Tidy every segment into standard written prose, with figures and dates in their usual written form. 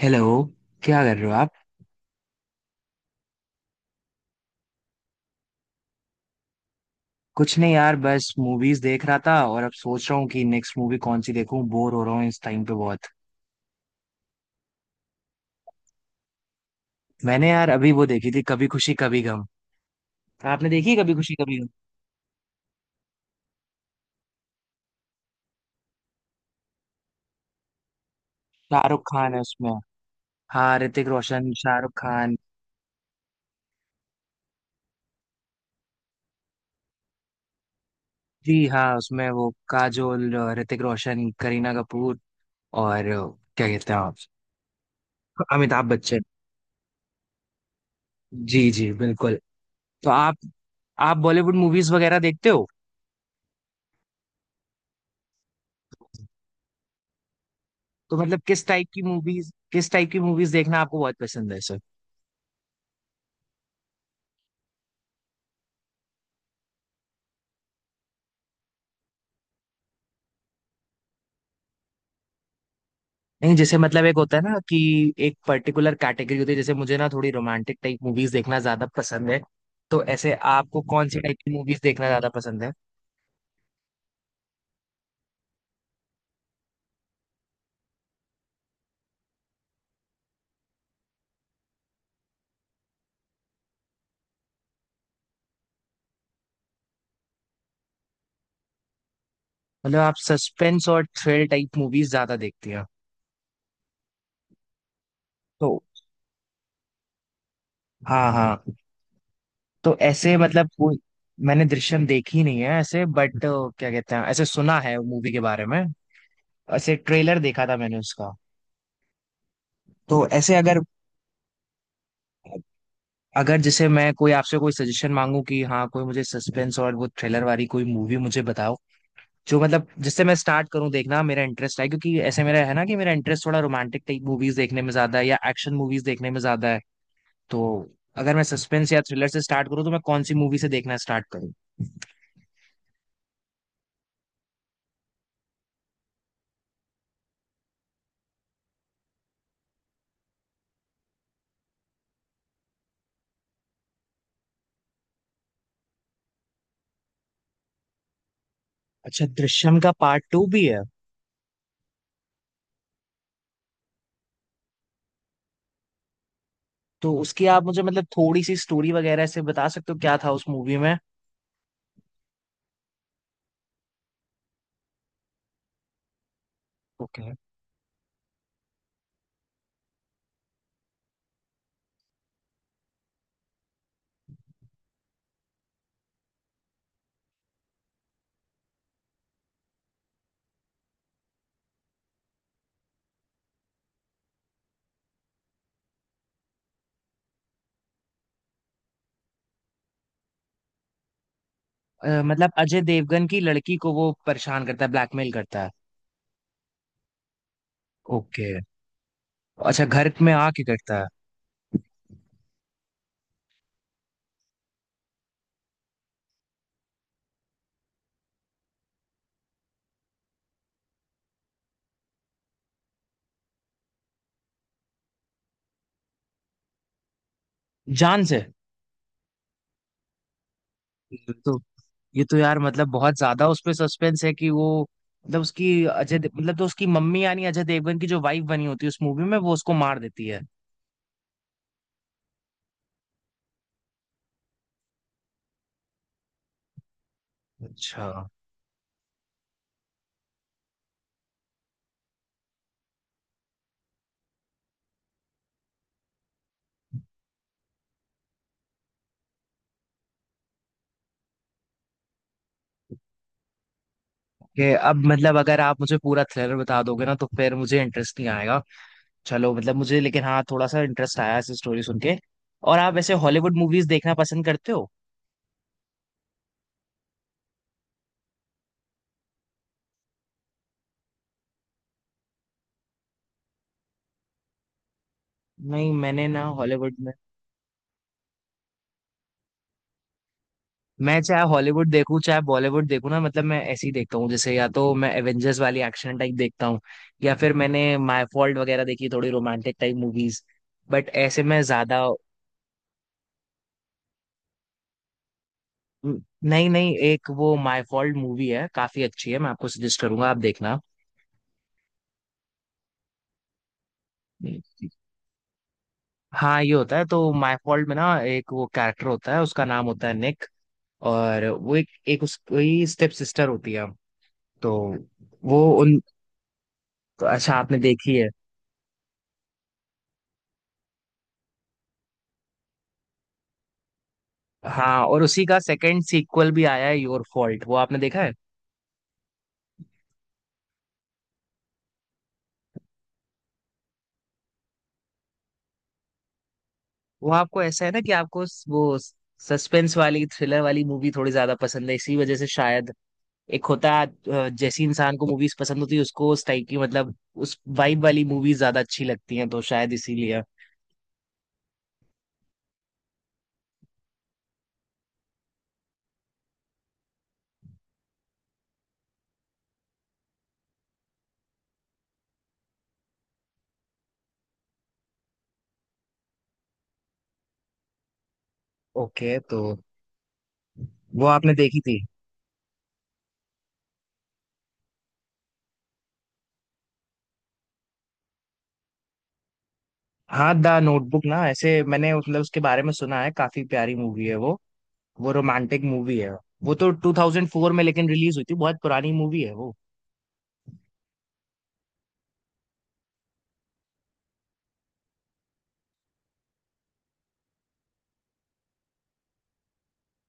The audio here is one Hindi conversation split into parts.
हेलो। क्या कर रहे हो आप? कुछ नहीं यार, बस मूवीज देख रहा था और अब सोच रहा हूँ कि नेक्स्ट मूवी कौन सी देखूं। बोर हो रहा हूँ इस टाइम पे बहुत। मैंने यार अभी वो देखी थी कभी खुशी कभी गम। आपने देखी है कभी खुशी कभी गम? शाहरुख खान है उसमें। हाँ, ऋतिक रोशन, शाहरुख खान। जी हाँ उसमें वो काजोल, ऋतिक रोशन, करीना कपूर और क्या कहते हैं आप? अमिताभ बच्चन। जी जी बिल्कुल। तो आप आप बॉलीवुड मूवीज वगैरह देखते हो? तो मतलब किस टाइप की मूवीज देखना आपको बहुत पसंद है सर? नहीं, जैसे मतलब एक होता है ना कि एक पर्टिकुलर कैटेगरी होती है। जैसे मुझे ना थोड़ी रोमांटिक टाइप मूवीज देखना ज्यादा पसंद है। तो ऐसे आपको कौन सी टाइप की मूवीज देखना ज्यादा पसंद है? मतलब आप सस्पेंस और थ्रिल टाइप मूवीज ज्यादा देखती हैं? तो। हाँ हाँ। तो ऐसे मतलब कोई, मैंने दृश्यम देखी नहीं है ऐसे, बट क्या कहते हैं, ऐसे सुना है मूवी के बारे में। ऐसे ट्रेलर देखा था मैंने उसका। तो ऐसे अगर अगर जैसे मैं कोई आपसे कोई सजेशन मांगू कि हाँ, कोई मुझे सस्पेंस और वो थ्रिलर वाली कोई मूवी मुझे बताओ, जो मतलब जिससे मैं स्टार्ट करूँ देखना। मेरा इंटरेस्ट है क्योंकि ऐसे मेरा है ना कि मेरा इंटरेस्ट थोड़ा रोमांटिक टाइप मूवीज देखने में ज्यादा है या एक्शन मूवीज देखने में ज्यादा है। तो अगर मैं सस्पेंस या थ्रिलर से स्टार्ट करूँ तो मैं कौन सी मूवी से देखना स्टार्ट करूँ? अच्छा, दृश्यम का पार्ट टू भी है? तो उसकी आप मुझे मतलब थोड़ी सी स्टोरी वगैरह से बता सकते हो, क्या था उस मूवी में? ओके। मतलब अजय देवगन की लड़की को वो परेशान करता है, ब्लैकमेल करता है? ओके, अच्छा, घर में आके करता है? जान से? ये तो ये तो यार मतलब बहुत ज्यादा उस पे सस्पेंस है कि वो, मतलब उसकी मतलब तो उसकी मम्मी यानी अजय देवगन की जो वाइफ बनी होती है उस मूवी में, वो उसको मार देती है। अच्छा। कि अब मतलब अगर आप मुझे पूरा थ्रिलर बता दोगे ना तो फिर मुझे इंटरेस्ट नहीं आएगा। चलो मतलब मुझे, लेकिन हाँ, थोड़ा सा इंटरेस्ट आया इस स्टोरी सुन के। और आप वैसे हॉलीवुड मूवीज देखना पसंद करते हो? नहीं, मैंने ना हॉलीवुड। मैं चाहे हॉलीवुड देखूं चाहे बॉलीवुड देखूं ना, मतलब मैं ऐसे ही देखता हूँ। जैसे या तो मैं एवेंजर्स वाली एक्शन टाइप देखता हूँ या फिर मैंने माय फॉल्ट वगैरह देखी, थोड़ी रोमांटिक टाइप मूवीज। बट ऐसे मैं ज्यादा। नहीं नहीं, एक वो माय फॉल्ट मूवी है, काफी अच्छी है, मैं आपको सजेस्ट करूंगा, आप देखना। हाँ ये होता है। तो माय फॉल्ट में ना एक वो कैरेक्टर होता है, उसका नाम होता है निक। और वो एक एक उसकी स्टेप सिस्टर होती है। तो वो उन, अच्छा, आपने देखी है? हाँ, और उसी का सेकंड सीक्वल भी आया है, योर फॉल्ट, वो आपने देखा है? वो आपको ऐसा है ना कि आपको वो सस्पेंस वाली थ्रिलर वाली मूवी थोड़ी ज्यादा पसंद है इसी वजह से शायद। एक होता है जैसी इंसान को मूवीज पसंद होती है उसको उस टाइप की, मतलब उस वाइब वाली मूवीज ज्यादा अच्छी लगती हैं, तो शायद इसीलिए। ओके। तो वो आपने देखी थी? हाँ, द नोटबुक ना, ऐसे मैंने मतलब उसके बारे में सुना है, काफी प्यारी मूवी है वो। वो रोमांटिक मूवी है। वो तो 2004 में लेकिन रिलीज हुई थी, बहुत पुरानी मूवी है वो।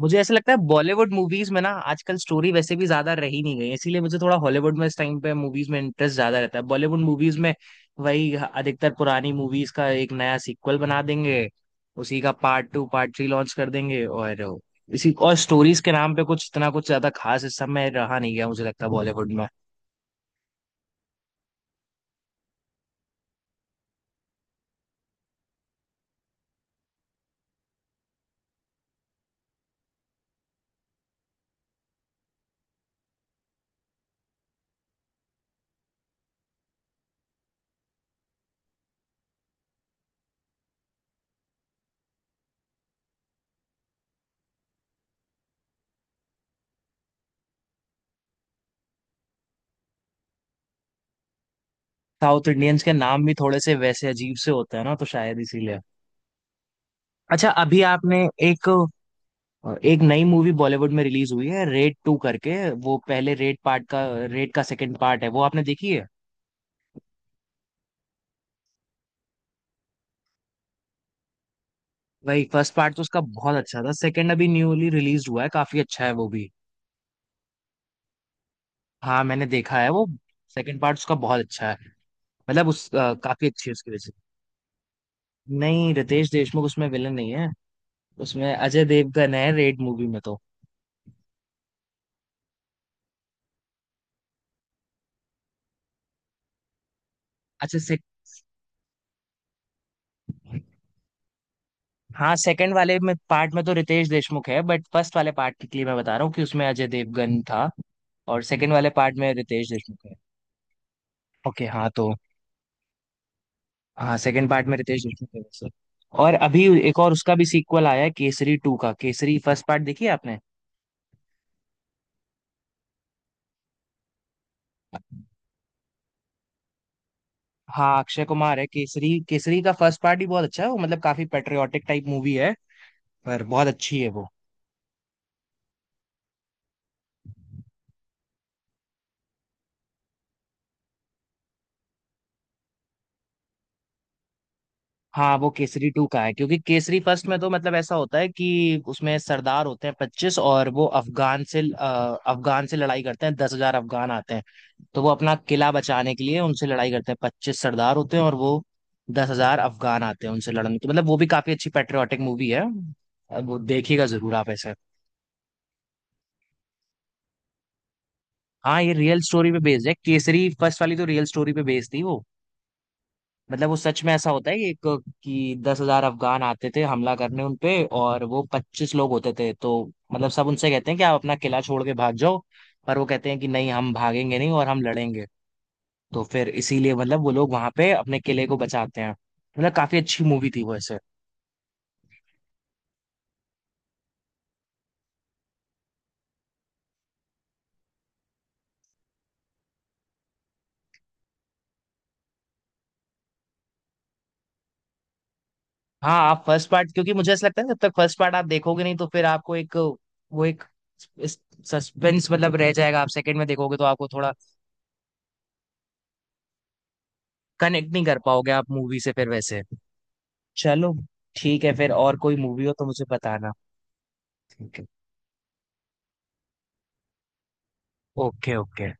मुझे ऐसा लगता है बॉलीवुड मूवीज में ना आजकल स्टोरी वैसे भी ज्यादा रही नहीं गई है, इसीलिए मुझे थोड़ा हॉलीवुड में इस टाइम पे मूवीज में इंटरेस्ट ज्यादा रहता है बॉलीवुड मूवीज में। वही अधिकतर पुरानी मूवीज का एक नया सीक्वल बना देंगे, उसी का part two, part three launch कर देंगे और इसी और स्टोरीज के नाम पे कुछ इतना कुछ ज्यादा खास इस समय रहा नहीं गया, मुझे लगता है बॉलीवुड में। साउथ इंडियंस के नाम भी थोड़े से वैसे अजीब से होते हैं ना, तो शायद इसीलिए। अच्छा, अभी आपने एक और, एक नई मूवी बॉलीवुड में रिलीज हुई है, रेड टू करके। वो पहले रेड पार्ट का, रेड का सेकंड पार्ट है, वो आपने देखी है? भाई फर्स्ट पार्ट तो उसका बहुत अच्छा था, सेकंड अभी न्यूली रिलीज हुआ है, काफी अच्छा है वो भी। हाँ मैंने देखा है वो, सेकंड पार्ट उसका बहुत अच्छा है, मतलब उस काफी अच्छी है उसकी वजह से। नहीं, रितेश देशमुख उसमें विलन नहीं है, उसमें अजय देवगन है रेड मूवी में तो। अच्छा से। हाँ, सेकंड वाले में पार्ट में तो रितेश देशमुख है, बट फर्स्ट वाले पार्ट के लिए मैं बता रहा हूँ कि उसमें अजय देवगन था, और सेकंड वाले पार्ट में रितेश देशमुख है। ओके हाँ तो। हाँ, सेकंड पार्ट में रितेश देशमुख थे वैसे। और अभी एक और उसका भी सीक्वल आया है, केसरी टू का, केसरी फर्स्ट पार्ट देखी है आपने? हाँ, अक्षय कुमार है केसरी, केसरी का फर्स्ट पार्ट ही बहुत अच्छा है वो, मतलब काफी पेट्रियाटिक टाइप मूवी है, पर बहुत अच्छी है वो। हाँ, वो केसरी टू का है, क्योंकि केसरी फर्स्ट में तो मतलब ऐसा होता है कि उसमें सरदार होते हैं 25 और वो अफगान से अफगान से लड़ाई करते हैं, 10,000 अफगान आते हैं। तो वो अपना किला बचाने के लिए उनसे लड़ाई करते हैं, 25 सरदार होते हैं और वो 10,000 अफगान आते हैं उनसे लड़ने, तो मतलब वो भी काफी अच्छी पेट्रियाटिक मूवी है, अब वो देखिएगा जरूर आप ऐसे। हाँ, ये रियल स्टोरी पे बेस्ड है, केसरी फर्स्ट वाली तो रियल स्टोरी पे बेस्ड थी वो। मतलब वो सच में ऐसा होता है कि एक, कि 10,000 अफगान आते थे हमला करने उन पे, और वो 25 लोग होते थे। तो मतलब सब उनसे कहते हैं कि आप अपना किला छोड़ के भाग जाओ, पर वो कहते हैं कि नहीं हम भागेंगे नहीं, और हम लड़ेंगे। तो फिर इसीलिए मतलब वो लोग वहां पे अपने किले को बचाते हैं, मतलब काफी अच्छी मूवी थी वो ऐसे। हाँ, आप फर्स्ट पार्ट, क्योंकि मुझे ऐसा लगता है ना, जब तक फर्स्ट पार्ट आप देखोगे नहीं तो फिर आपको एक वो एक सस्पेंस मतलब रह जाएगा, आप सेकंड में देखोगे तो आपको थोड़ा कनेक्ट नहीं कर पाओगे आप मूवी से फिर वैसे। चलो, ठीक है, फिर और कोई मूवी हो तो मुझे बताना। ठीक है। Okay okay.